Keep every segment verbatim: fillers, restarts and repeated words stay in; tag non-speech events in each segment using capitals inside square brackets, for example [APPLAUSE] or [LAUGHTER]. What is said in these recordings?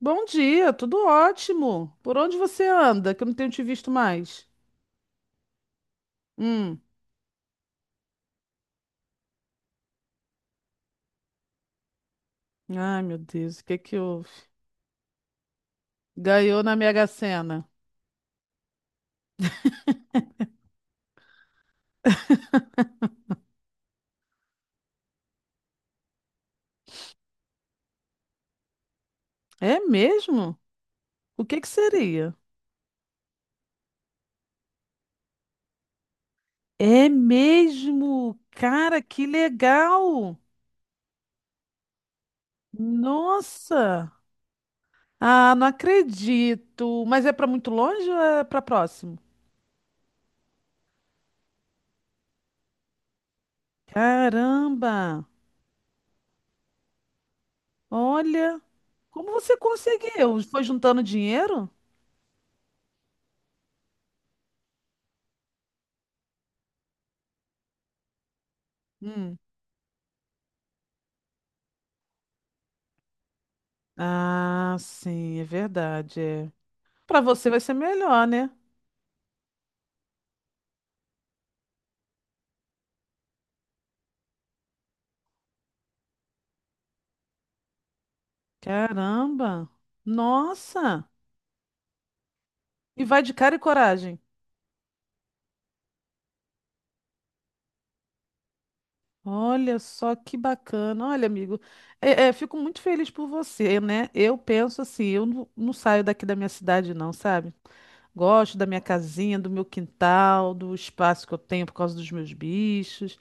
Bom dia, tudo ótimo. Por onde você anda? Que eu não tenho te visto mais. Hum. Ai, meu Deus, o que é que houve? Ganhou na Mega Sena. É mesmo? O que é que seria? É mesmo? Cara, que legal! Nossa! Ah, não acredito. Mas é para muito longe ou é para próximo? Caramba! Olha, como você conseguiu? Foi juntando dinheiro? Hum. Ah, sim, é verdade. É. Para você vai ser melhor, né? Caramba! Nossa! E vai de cara e coragem. Olha só que bacana. Olha, amigo, é, é, fico muito feliz por você, né? Eu penso assim, eu não, não saio daqui da minha cidade, não, sabe? Gosto da minha casinha, do meu quintal, do espaço que eu tenho por causa dos meus bichos.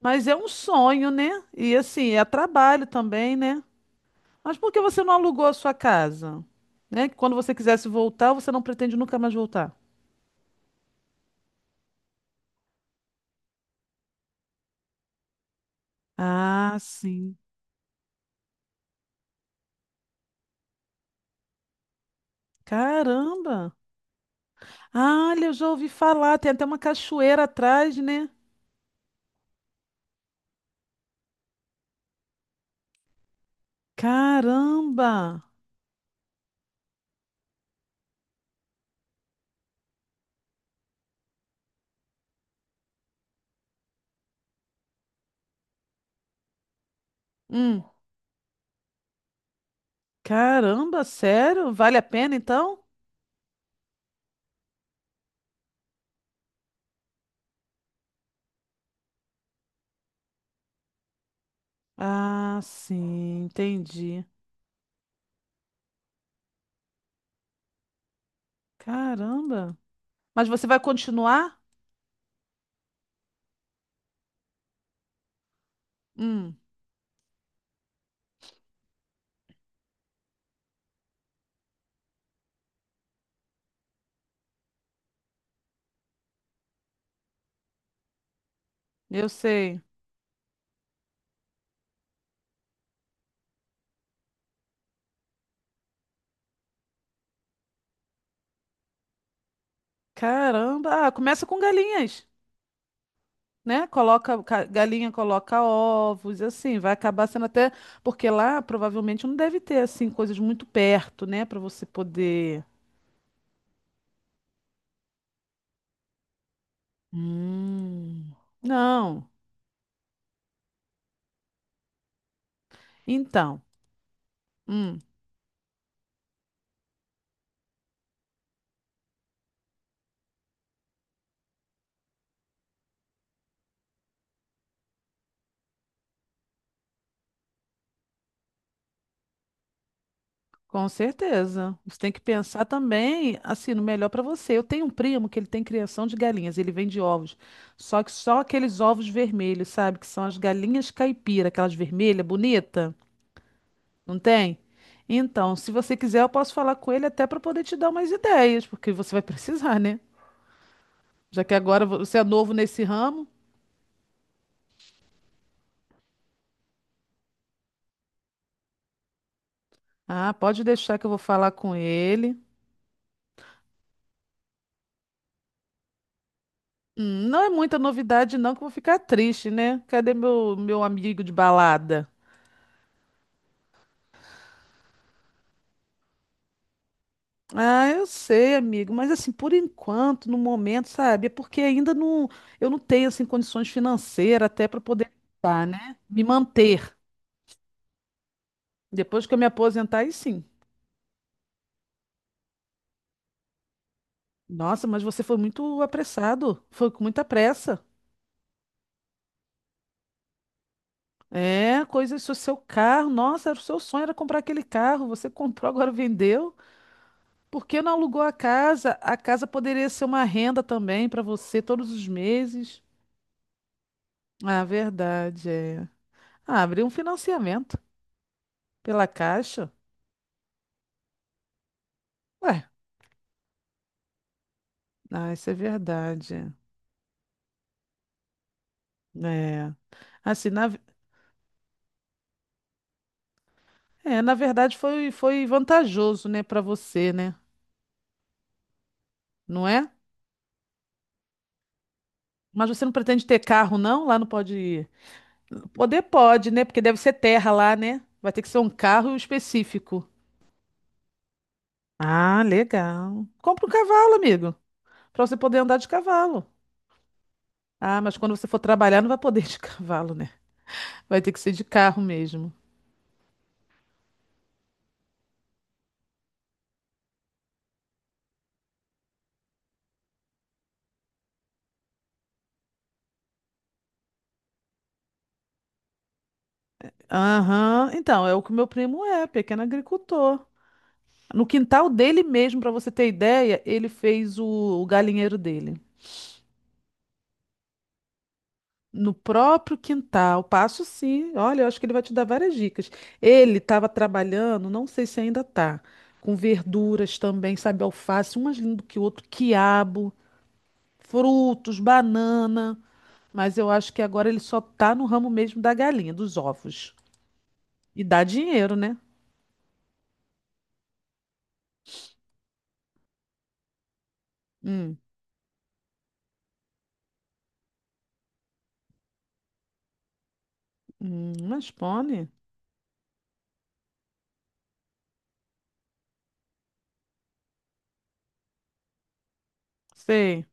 Mas é um sonho, né? E assim, é trabalho também, né? Mas por que você não alugou a sua casa? Né? Que quando você quisesse voltar, você não pretende nunca mais voltar. Ah, sim. Caramba! Ah, olha, eu já ouvi falar, tem até uma cachoeira atrás, né? Caramba! Hum, caramba, sério? Vale a pena então? Ah, sim, entendi. Caramba! Mas você vai continuar? Hum, eu sei. Caramba! Ah, começa com galinhas. Né? Coloca, ca- galinha coloca ovos, e assim, vai acabar sendo até, porque lá provavelmente não deve ter assim coisas muito perto, né, para você poder. Hum. Não. Então, hum, com certeza. Você tem que pensar também assim no melhor para você. Eu tenho um primo que ele tem criação de galinhas, ele vende ovos. Só que só aqueles ovos vermelhos, sabe, que são as galinhas caipira, aquelas vermelhas, bonita. Não tem? Então, se você quiser, eu posso falar com ele até para poder te dar umas ideias, porque você vai [LAUGHS] precisar, né? Já que agora você é novo nesse ramo. Ah, pode deixar que eu vou falar com ele. Hum, não é muita novidade, não, que eu vou ficar triste, né? Cadê meu, meu amigo de balada? Ah, eu sei, amigo, mas assim, por enquanto, no momento, sabe? É porque ainda não, eu não tenho assim condições financeiras até para poder, tá, né? Me manter. Depois que eu me aposentar, aí sim. Nossa, mas você foi muito apressado. Foi com muita pressa. É, coisas do seu carro. Nossa, era o seu sonho era comprar aquele carro. Você [LAUGHS] comprou, agora vendeu. Por que não alugou a casa? A casa poderia ser uma renda também para você todos os meses. Ah, verdade, é. Ah, abriu um financiamento pela Caixa. Ué, ah, isso é verdade. É. Assim, na, ve- É, na verdade foi, foi vantajoso, né, para você, né? Não é? Mas você não pretende ter carro, não? Lá não pode. Poder pode, né? Porque deve ser terra lá, né? Vai ter que ser um carro específico. Ah, legal. Compra um cavalo, amigo, para você poder andar de cavalo. Ah, mas quando você for trabalhar, não vai poder de [LAUGHS] cavalo, né? Vai ter que ser de carro mesmo. Aham, então, é o que o meu primo é, pequeno agricultor. No quintal dele mesmo, para você ter ideia, ele fez o, o galinheiro dele. No próprio quintal, passo sim. Olha, eu acho que ele vai te dar várias dicas. Ele estava trabalhando, não sei se ainda tá, com verduras também, sabe, alface, um mais lindo que o outro, quiabo, frutos, banana. Mas eu acho que agora ele só tá no ramo mesmo da galinha, dos ovos. E dá dinheiro, né? Hum, hum, mas pônei. Sei,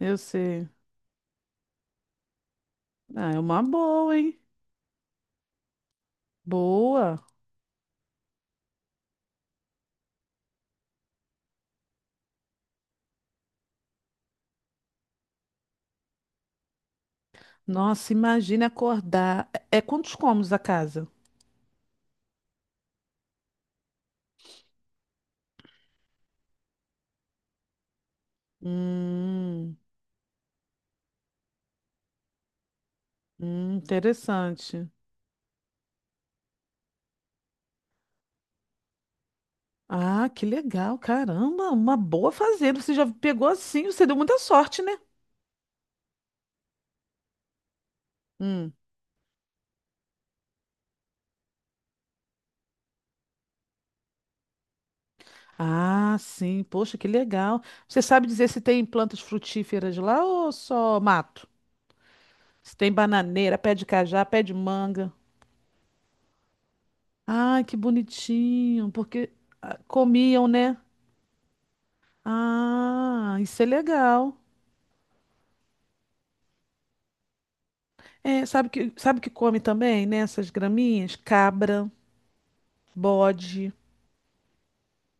eu sei. Ah, é uma boa, hein? Boa. Nossa, imagina acordar. É é quantos cômodos a casa? Hum. Hum, interessante. Ah, que legal, caramba, uma boa fazenda. Você já pegou assim, você deu muita sorte, né? Hum. Ah, sim, poxa, que legal. Você sabe dizer se tem plantas frutíferas lá ou só mato? Se tem bananeira, pé de cajá, pé de manga. Ah, que bonitinho, porque ah, comiam, né? Ah, isso é legal. É, sabe que, sabe que come também, né? Essas graminhas? Cabra, bode.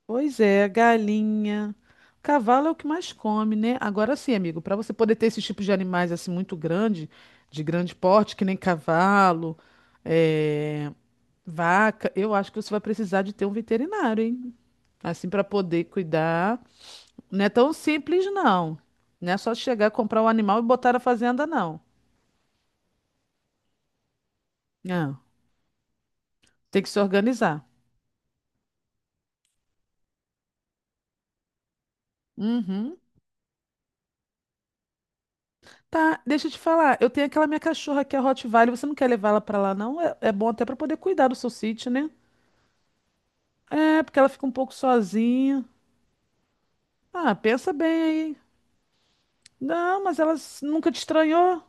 Pois é, galinha. Cavalo é o que mais come, né? Agora sim, amigo, para você poder ter esses tipos de animais assim muito grande, de grande porte, que nem cavalo, eh, vaca, eu acho que você vai precisar de ter um veterinário, hein? Assim, para poder cuidar. Não é tão simples, não. Não é só chegar, comprar o animal e botar na fazenda, não. Não. Tem que se organizar. Uhum. Tá, deixa eu te falar. Eu tenho aquela minha cachorra que é Rottweiler. Você não quer levar ela pra lá, não? É, é bom até pra poder cuidar do seu sítio, né? É, porque ela fica um pouco sozinha. Ah, pensa bem aí. Não, mas ela s- nunca te estranhou?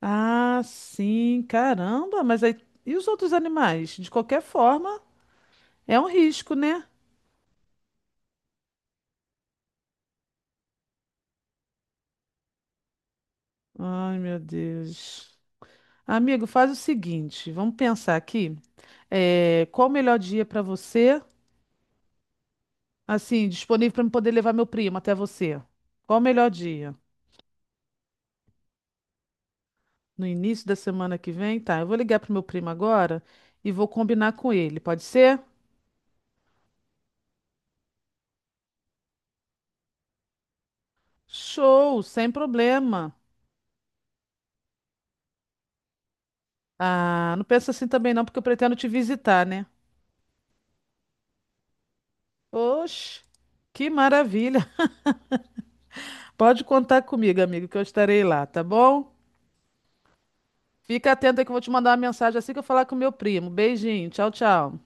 Ah, sim, caramba. Mas aí. E os outros animais? De qualquer forma, é um risco, né? Ai, meu Deus. Amigo, faz o seguinte. Vamos pensar aqui. É, qual o melhor dia para você? Assim, disponível para eu poder levar meu primo até você. Qual o melhor dia? No início da semana que vem? Tá, eu vou ligar pro meu primo agora e vou combinar com ele, pode ser? Show, sem problema. Ah, não pensa assim também não, porque eu pretendo te visitar, né? Oxe, que maravilha. [LAUGHS] Pode contar comigo, amigo, que eu estarei lá, tá bom? Fica atento aí que eu vou te mandar uma mensagem assim que eu falar com meu primo. Beijinho, tchau, tchau.